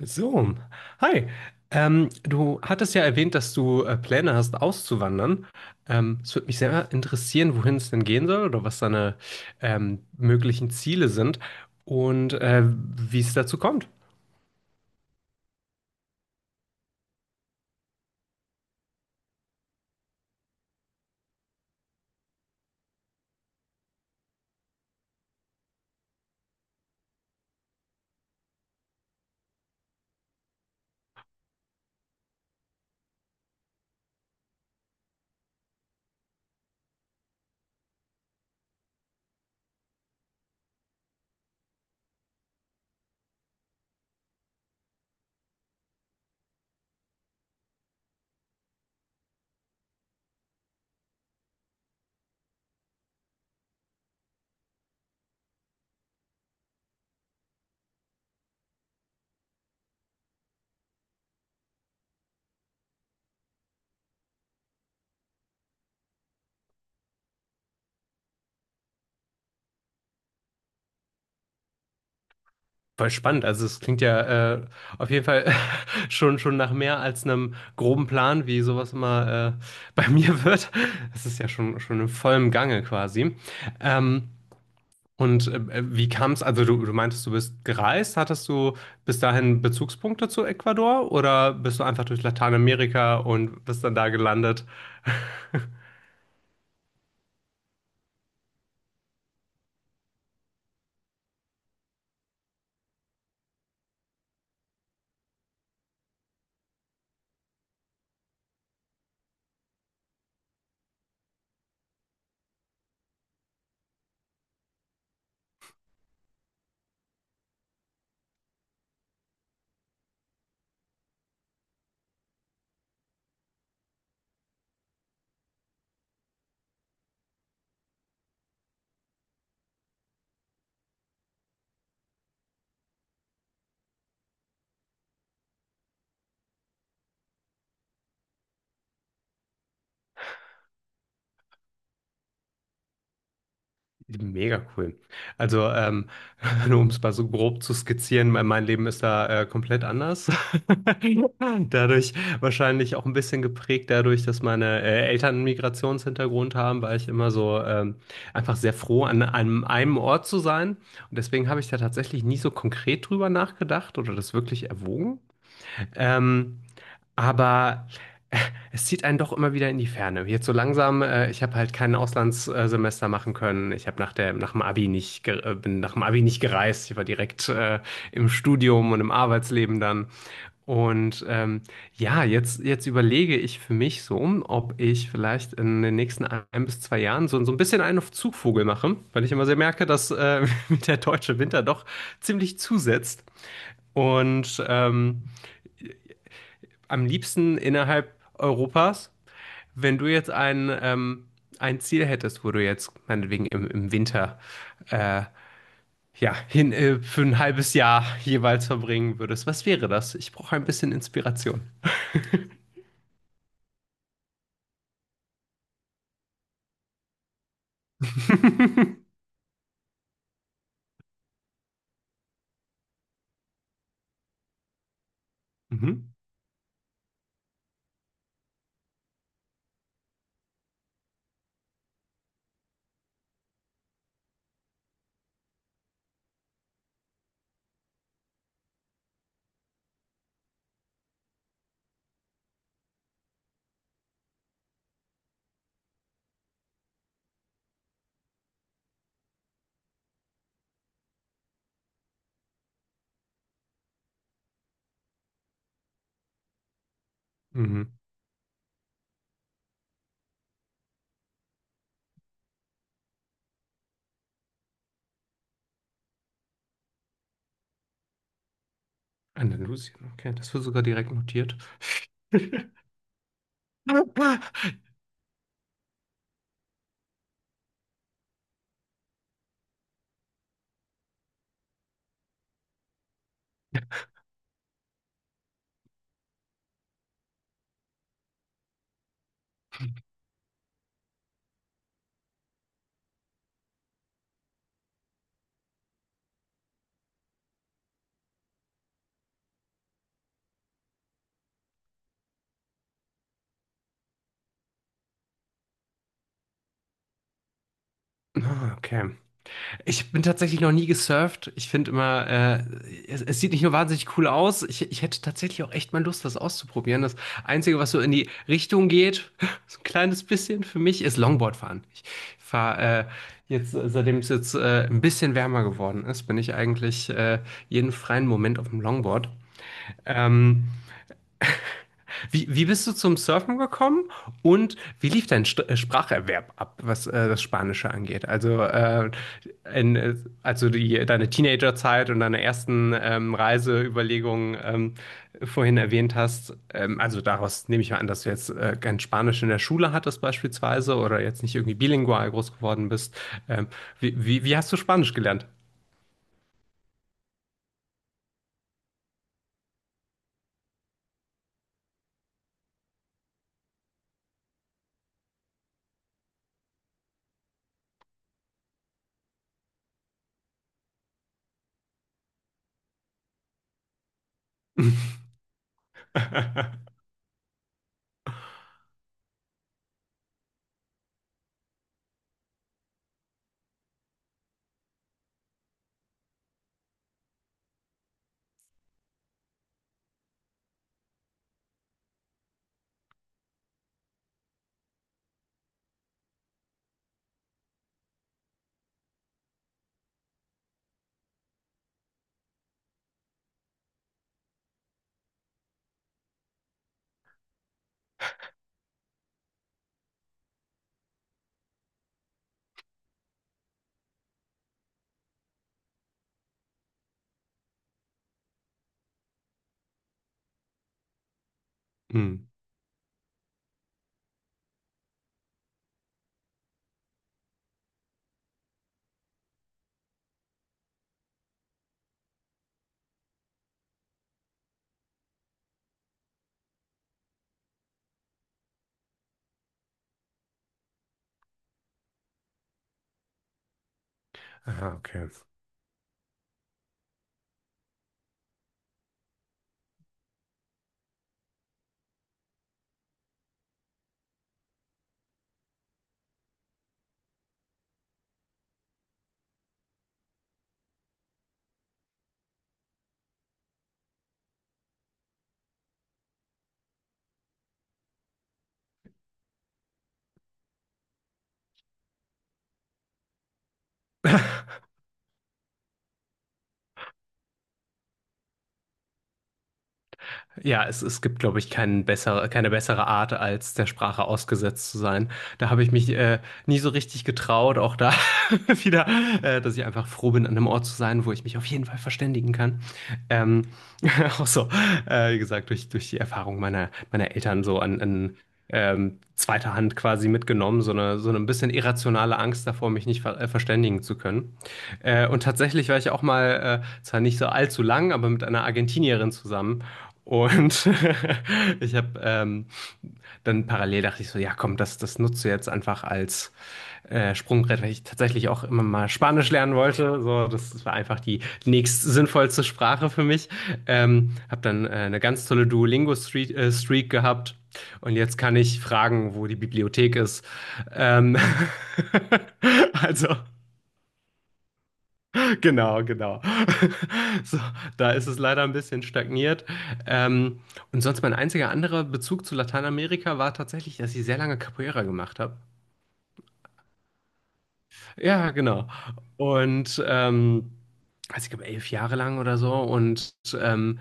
So, hi. Du hattest ja erwähnt, dass du Pläne hast, auszuwandern. Es würde mich sehr interessieren, wohin es denn gehen soll oder was deine möglichen Ziele sind und wie es dazu kommt. Voll spannend. Also es klingt ja auf jeden Fall schon nach mehr als einem groben Plan, wie sowas immer bei mir wird. Es ist ja schon in vollem Gange quasi. Ähm, Und wie kam es, also du meintest, du bist gereist, hattest du bis dahin Bezugspunkte zu Ecuador oder bist du einfach durch Lateinamerika und bist dann da gelandet? Mega cool. Also, nur um es mal so grob zu skizzieren, mein Leben ist da komplett anders. Dadurch wahrscheinlich auch ein bisschen geprägt dadurch, dass meine Eltern einen Migrationshintergrund haben, war ich immer so einfach sehr froh, an einem Ort zu sein. Und deswegen habe ich da tatsächlich nie so konkret drüber nachgedacht oder das wirklich erwogen. Ähm, aber äh, es zieht einen doch immer wieder in die Ferne. Jetzt so langsam, ich habe halt kein Auslandssemester machen können. Ich habe nach der, nach dem Abi nicht, ge- bin nach dem Abi nicht gereist. Ich war direkt im Studium und im Arbeitsleben dann. Und ja, jetzt überlege ich für mich so, ob ich vielleicht in den nächsten ein bis zwei Jahren so ein bisschen einen auf Zugvogel mache, weil ich immer sehr merke, dass mir der deutsche Winter doch ziemlich zusetzt. Und am liebsten innerhalb Europas. Wenn du jetzt ein Ziel hättest, wo du jetzt meinetwegen im Winter äh, ja, für ein halbes Jahr jeweils verbringen würdest, was wäre das? Ich brauche ein bisschen Inspiration. mhm. Mhm. Andalusien, okay, das wird sogar direkt notiert. Ah, okay. Ich bin tatsächlich noch nie gesurft. Ich finde immer, es sieht nicht nur wahnsinnig cool aus, ich hätte tatsächlich auch echt mal Lust, das auszuprobieren. Das Einzige, was so in die Richtung geht, so ein kleines bisschen für mich, ist Longboard fahren. Ich fahre jetzt, seitdem es jetzt ein bisschen wärmer geworden ist, bin ich eigentlich jeden freien Moment auf dem Longboard. Ähm, wie bist du zum Surfen gekommen und wie lief dein St Spracherwerb ab, was das Spanische angeht? Also, in, äh, also deine Teenagerzeit und deine ersten Reiseüberlegungen vorhin erwähnt hast. Also daraus nehme ich mal an, dass du jetzt kein Spanisch in der Schule hattest beispielsweise oder jetzt nicht irgendwie bilingual groß geworden bist. Ähm, wie hast du Spanisch gelernt? Hm. Ah, okay. Ja, es gibt, glaube ich, keine bessere Art, als der Sprache ausgesetzt zu sein. Da habe ich mich nie so richtig getraut, auch da wieder, dass ich einfach froh bin, an einem Ort zu sein, wo ich mich auf jeden Fall verständigen kann. Ähm, Auch so, wie gesagt, durch die Erfahrung meiner Eltern so an zweiter Hand quasi mitgenommen, so eine ein bisschen irrationale Angst davor, mich nicht verständigen zu können. Und tatsächlich war ich auch mal, zwar nicht so allzu lang, aber mit einer Argentinierin zusammen. Und ich habe dann parallel dachte ich so, ja komm, das nutzt du jetzt einfach als Sprungbrett, weil ich tatsächlich auch immer mal Spanisch lernen wollte. So, das war einfach die nächst sinnvollste Sprache für mich. Habe dann eine ganz tolle Duolingo-Streak Streak gehabt. Und jetzt kann ich fragen, wo die Bibliothek ist. Ähm, also genau, genau. So, da ist es leider ein bisschen stagniert. Ähm, und sonst mein einziger anderer Bezug zu Lateinamerika war tatsächlich, dass ich sehr lange Capoeira gemacht habe. Ja, genau. Und also ich glaube 11 Jahre lang oder so. Und ähm,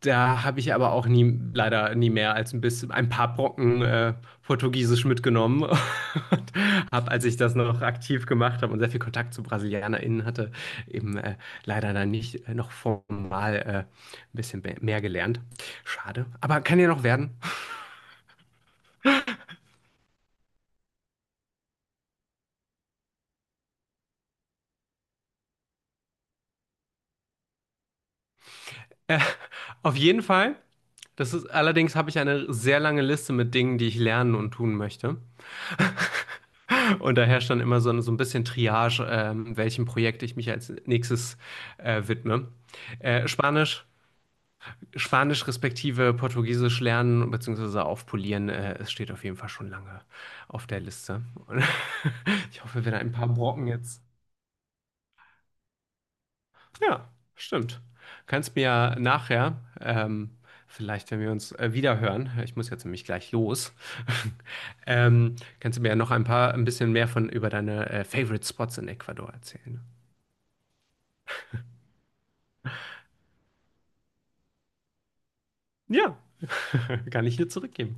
da habe ich aber auch nie, leider nie mehr als ein bisschen, ein paar Brocken Portugiesisch mitgenommen. und habe, als ich das noch aktiv gemacht habe und sehr viel Kontakt zu BrasilianerInnen hatte, eben leider dann nicht noch formal ein bisschen mehr gelernt. Schade. Aber kann ja noch werden. Äh, auf jeden Fall. Allerdings habe ich eine sehr lange Liste mit Dingen, die ich lernen und tun möchte. Und da herrscht dann immer so ein bisschen Triage, welchem Projekt ich mich als nächstes widme. Äh, Spanisch, Spanisch respektive Portugiesisch lernen bzw. aufpolieren, es steht auf jeden Fall schon lange auf der Liste. Und ich hoffe, wir haben ein paar Brocken jetzt. Ja, stimmt. Kannst mir ja nachher, vielleicht wenn wir uns wiederhören, ich muss jetzt nämlich gleich los, kannst du mir ja noch ein bisschen mehr von über deine Favorite Spots in Ecuador erzählen. Ja, kann ich nur zurückgeben.